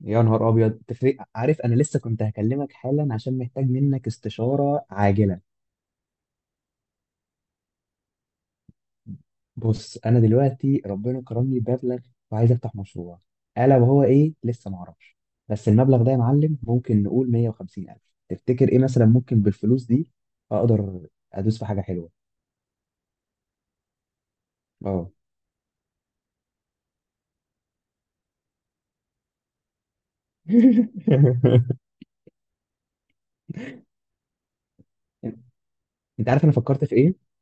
يا نهار ابيض تفرق. عارف انا لسه كنت هكلمك حالا عشان محتاج منك استشاره عاجله. بص انا دلوقتي ربنا كرمني بمبلغ وعايز افتح مشروع، الا وهو ايه لسه ما اعرفش. بس المبلغ ده يا معلم ممكن نقول 150 الف. تفتكر ايه مثلا ممكن بالفلوس دي اقدر ادوس في حاجه حلوه؟ اه. انت عارف انا فكرت في ايه؟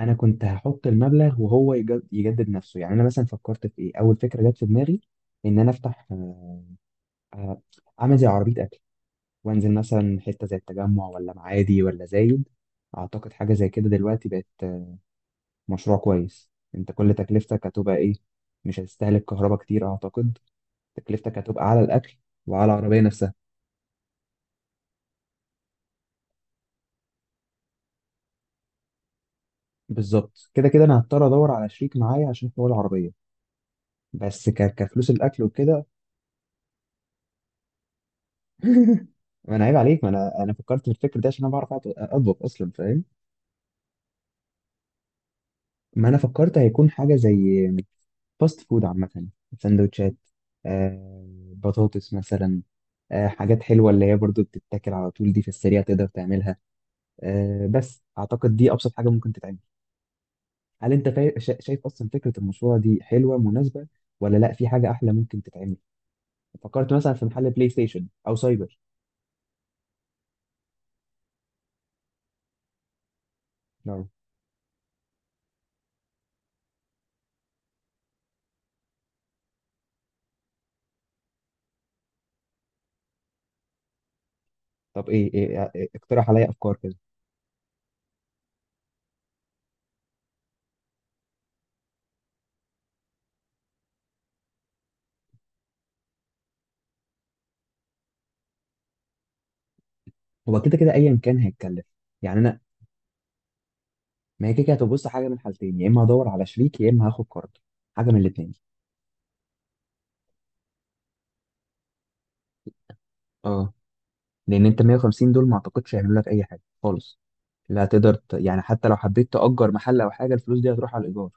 انا كنت هحط المبلغ وهو يجدد نفسه، يعني انا مثلا فكرت في ايه اول فكره جت في دماغي، ان انا افتح، آه، اعمل زي عربيه اكل، وانزل مثلا حته زي التجمع ولا معادي ولا زايد. اعتقد حاجه زي كده دلوقتي بقت مشروع كويس. انت كل تكلفتك هتبقى ايه؟ مش هتستهلك كهرباء كتير اعتقد، تكلفتك هتبقى على الاكل وعلى العربيه نفسها. بالظبط كده، كده انا هضطر ادور على شريك معايا عشان حوار العربيه، بس كفلوس الاكل وكده. ما انا عيب عليك، ما انا فكرت في الفكر ده عشان انا بعرف اطبخ اصلا، فاهم. ما انا فكرت هيكون حاجه زي فاست فود عامة، سندوتشات، آه، بطاطس مثلا، آه، حاجات حلوة اللي هي برضو بتتاكل على طول، دي في السريع تقدر تعملها. آه، بس أعتقد دي أبسط حاجة ممكن تتعمل. هل أنت شايف أصلا فكرة المشروع دي حلوة مناسبة، ولا لأ في حاجة أحلى ممكن تتعمل؟ فكرت مثلا في محل بلاي ستيشن أو سايبر. نعم. طب إيه, إيه, إيه إيه، اقترح عليا أفكار كده. هو كده كده أيا كان هيتكلف. يعني أنا، ما هي كده كده هتبص حاجة من حالتين، يا إما هدور على شريك يا إما هاخد قرض، حاجة من الاتنين. اه. لان انت 150 دول ما اعتقدش هيعملوا لك اي حاجه خالص، لا هتقدر يعني حتى لو حبيت تأجر محل او حاجه الفلوس دي هتروح على الايجار.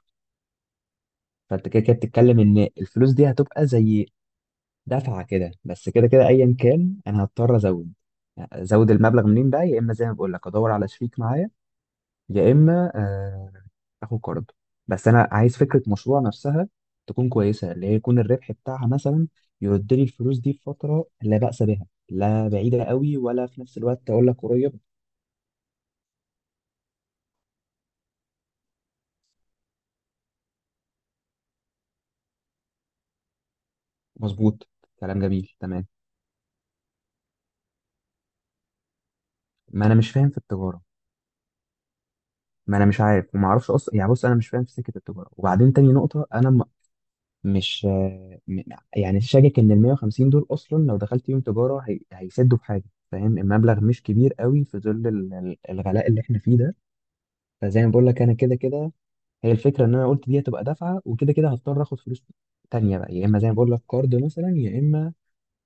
فانت كده كده بتتكلم ان الفلوس دي هتبقى زي دفعه كده، بس كده كده ايا كان انا هضطر ازود المبلغ منين بقى، يا اما زي ما بقول لك ادور على شريك معايا، يا اما اخد قرض. بس انا عايز فكره مشروع نفسها تكون كويسه، اللي هي يكون الربح بتاعها مثلا يرد لي الفلوس دي في فتره لا بأس بها، لا بعيده قوي ولا في نفس الوقت اقول لك قريب. مظبوط. كلام جميل، تمام. ما انا مش فاهم في التجاره، ما انا مش عارف وما اعرفش اصلا، يعني بص انا مش فاهم في سكه التجاره. وبعدين تاني نقطه، انا م... مش آه، م... يعني شاكك ان ال 150 دول اصلا لو دخلت يوم تجاره هيسدوا في حاجه، فاهم. المبلغ مش كبير قوي في ظل الغلاء اللي احنا فيه ده. فزي ما بقول لك انا كده كده، هي الفكره ان انا قلت دي هتبقى دفعه، وكده كده هضطر اخد فلوس تانية بقى، يا اما زي ما بقول لك كارد مثلا، يا اما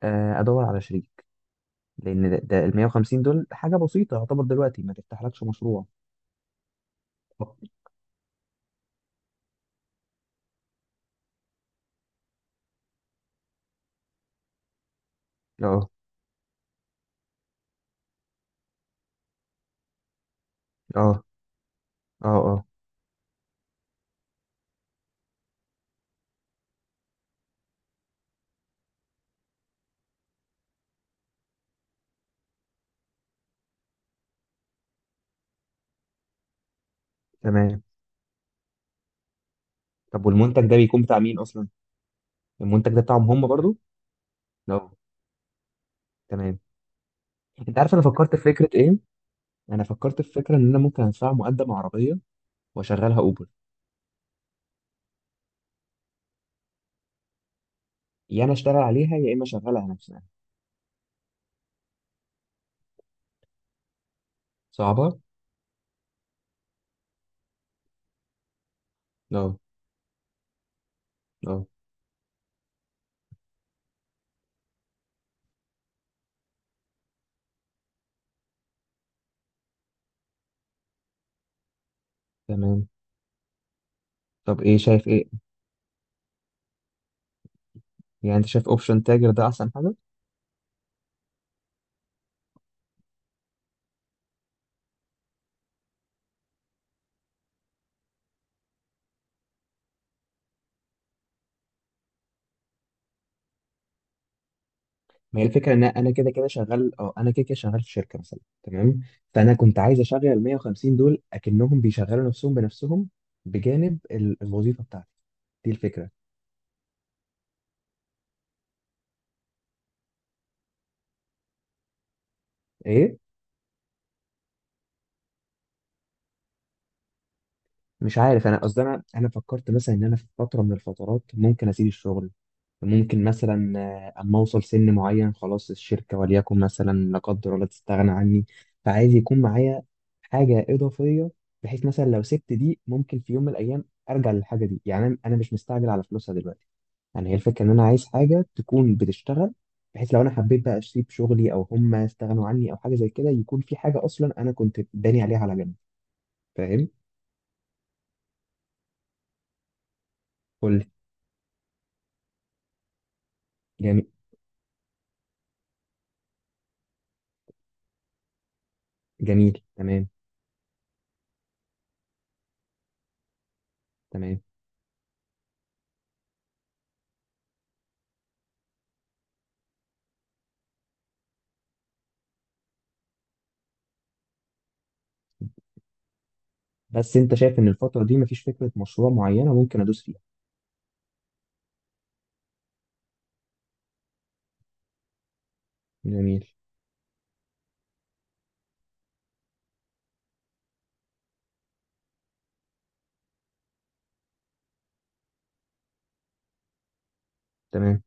ادور على شريك، لان ده ال 150 دول حاجه بسيطه يعتبر دلوقتي، ما تفتحلكش مشروع. اه. اه. اه. اه. تمام. طب والمنتج ده بيكون بتاع مين اصلا؟ المنتج ده بتاعهم هم برضو. لا. تمام. انت عارف انا فكرت في فكره ايه؟ انا فكرت في فكره ان انا ممكن ادفع مقدم عربيه واشغلها اوبر، يا انا اشتغل عليها يا اما اشغلها نفسها. صعبه. لا. لا. تمام. طب ايه شايف ايه؟ يعني انت شايف اوبشن تاجر ده احسن حاجه؟ ما هي الفكره ان انا كده كده شغال، اه انا كده كده شغال في شركه مثلا، تمام. فانا كنت عايز اشغل ال 150 دول اكنهم بيشغلوا نفسهم بنفسهم بجانب الوظيفه بتاعتي. دي الفكره. ايه؟ مش عارف. انا قصدي انا فكرت مثلا ان انا في فتره من الفترات ممكن اسيب الشغل، ممكن مثلا اما اوصل سن معين خلاص الشركه وليكن مثلا لا قدر الله تستغنى عني، فعايز يكون معايا حاجه اضافيه، بحيث مثلا لو سبت دي ممكن في يوم من الايام ارجع للحاجه دي. يعني انا مش مستعجل على فلوسها دلوقتي، يعني هي الفكره ان انا عايز حاجه تكون بتشتغل، بحيث لو انا حبيت بقى اسيب شغلي او هم استغنوا عني او حاجه زي كده يكون في حاجه اصلا انا كنت باني عليها على جنب، فاهم. قول لي. جميل، تمام. تمام. بس انت شايف ان الفترة دي مفيش فكرة مشروع معينة ممكن ادوس فيها؟ جميل، تمام.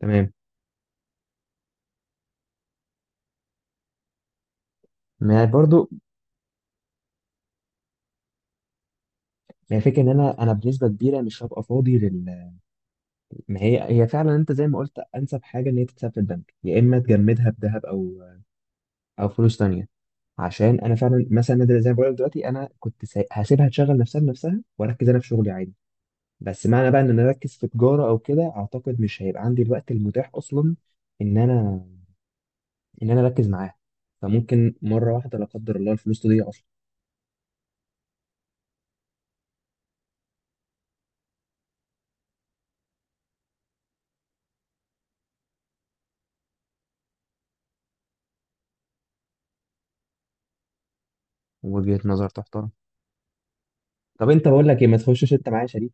تمام. ما برضو، ما هي فكرة ان انا بنسبة كبيرة مش هبقى فاضي لل، ما هي فعلا انت زي ما قلت انسب حاجة ان هي تتساب في البنك، يا اما تجمدها بذهب او او فلوس تانية. عشان انا فعلا مثلا، زي ما بقول لك دلوقتي انا هسيبها تشغل نفسها بنفسها واركز انا في شغلي عادي. بس معنى بقى ان انا اركز في تجارة او كده اعتقد مش هيبقى عندي الوقت المتاح اصلا ان انا، ان انا اركز معاها، فممكن مره واحده لا قدر الله الفلوس تضيع اصلا. وجهه نظر تحترم. طب انت بقول لك ايه، ما تخشش انت معايا شريك؟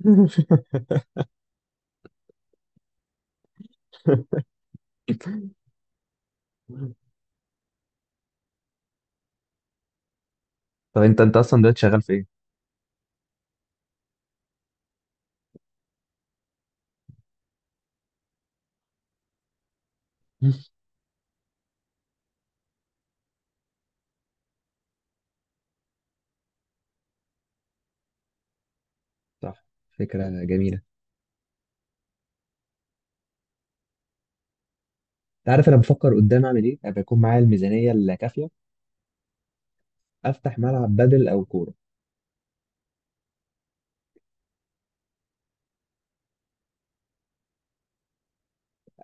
طب انت، انت اصلا دلوقتي شغال في ايه؟ صح. فكره جميله. انت عارف انا بفكر قدام اعمل ايه ابقى يكون معايا الميزانيه الكافيه؟ افتح ملعب بدل او كوره.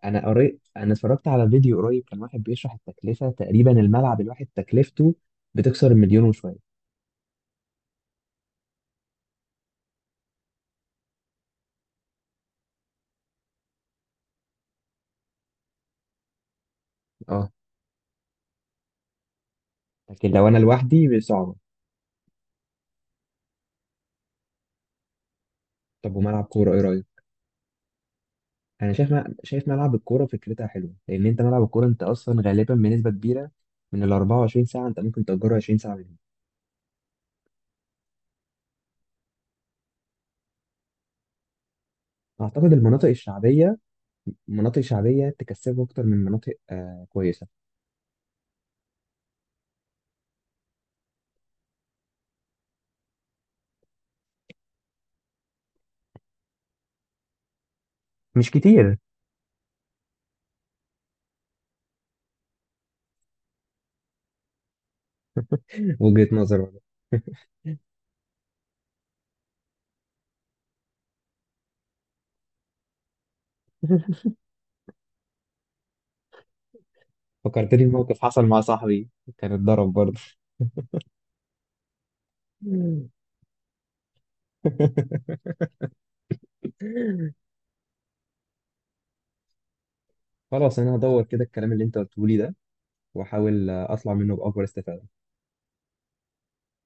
انا قريت، انا اتفرجت على فيديو قريب كان واحد بيشرح التكلفه تقريبا الملعب الواحد تكلفته بتكسر المليون وشويه. اه. لكن لو انا لوحدي صعبه. طب وملعب كوره ايه رايك؟ انا شايف شايف ملعب الكوره فكرتها حلوه، لان انت ملعب الكوره انت اصلا غالبا بنسبه كبيره من ال 24 ساعه انت ممكن تأجره 20 ساعه منهم. اعتقد المناطق الشعبيه، مناطق شعبيه تكسبه اكتر من مناطق آه كويسه. مش كتير. وجهه نظر والله. فكرتني بموقف حصل مع صاحبي كان اتضرب برضه. خلاص، انا هدور كده الكلام اللي انت قلته لي ده واحاول اطلع منه باكبر استفاده.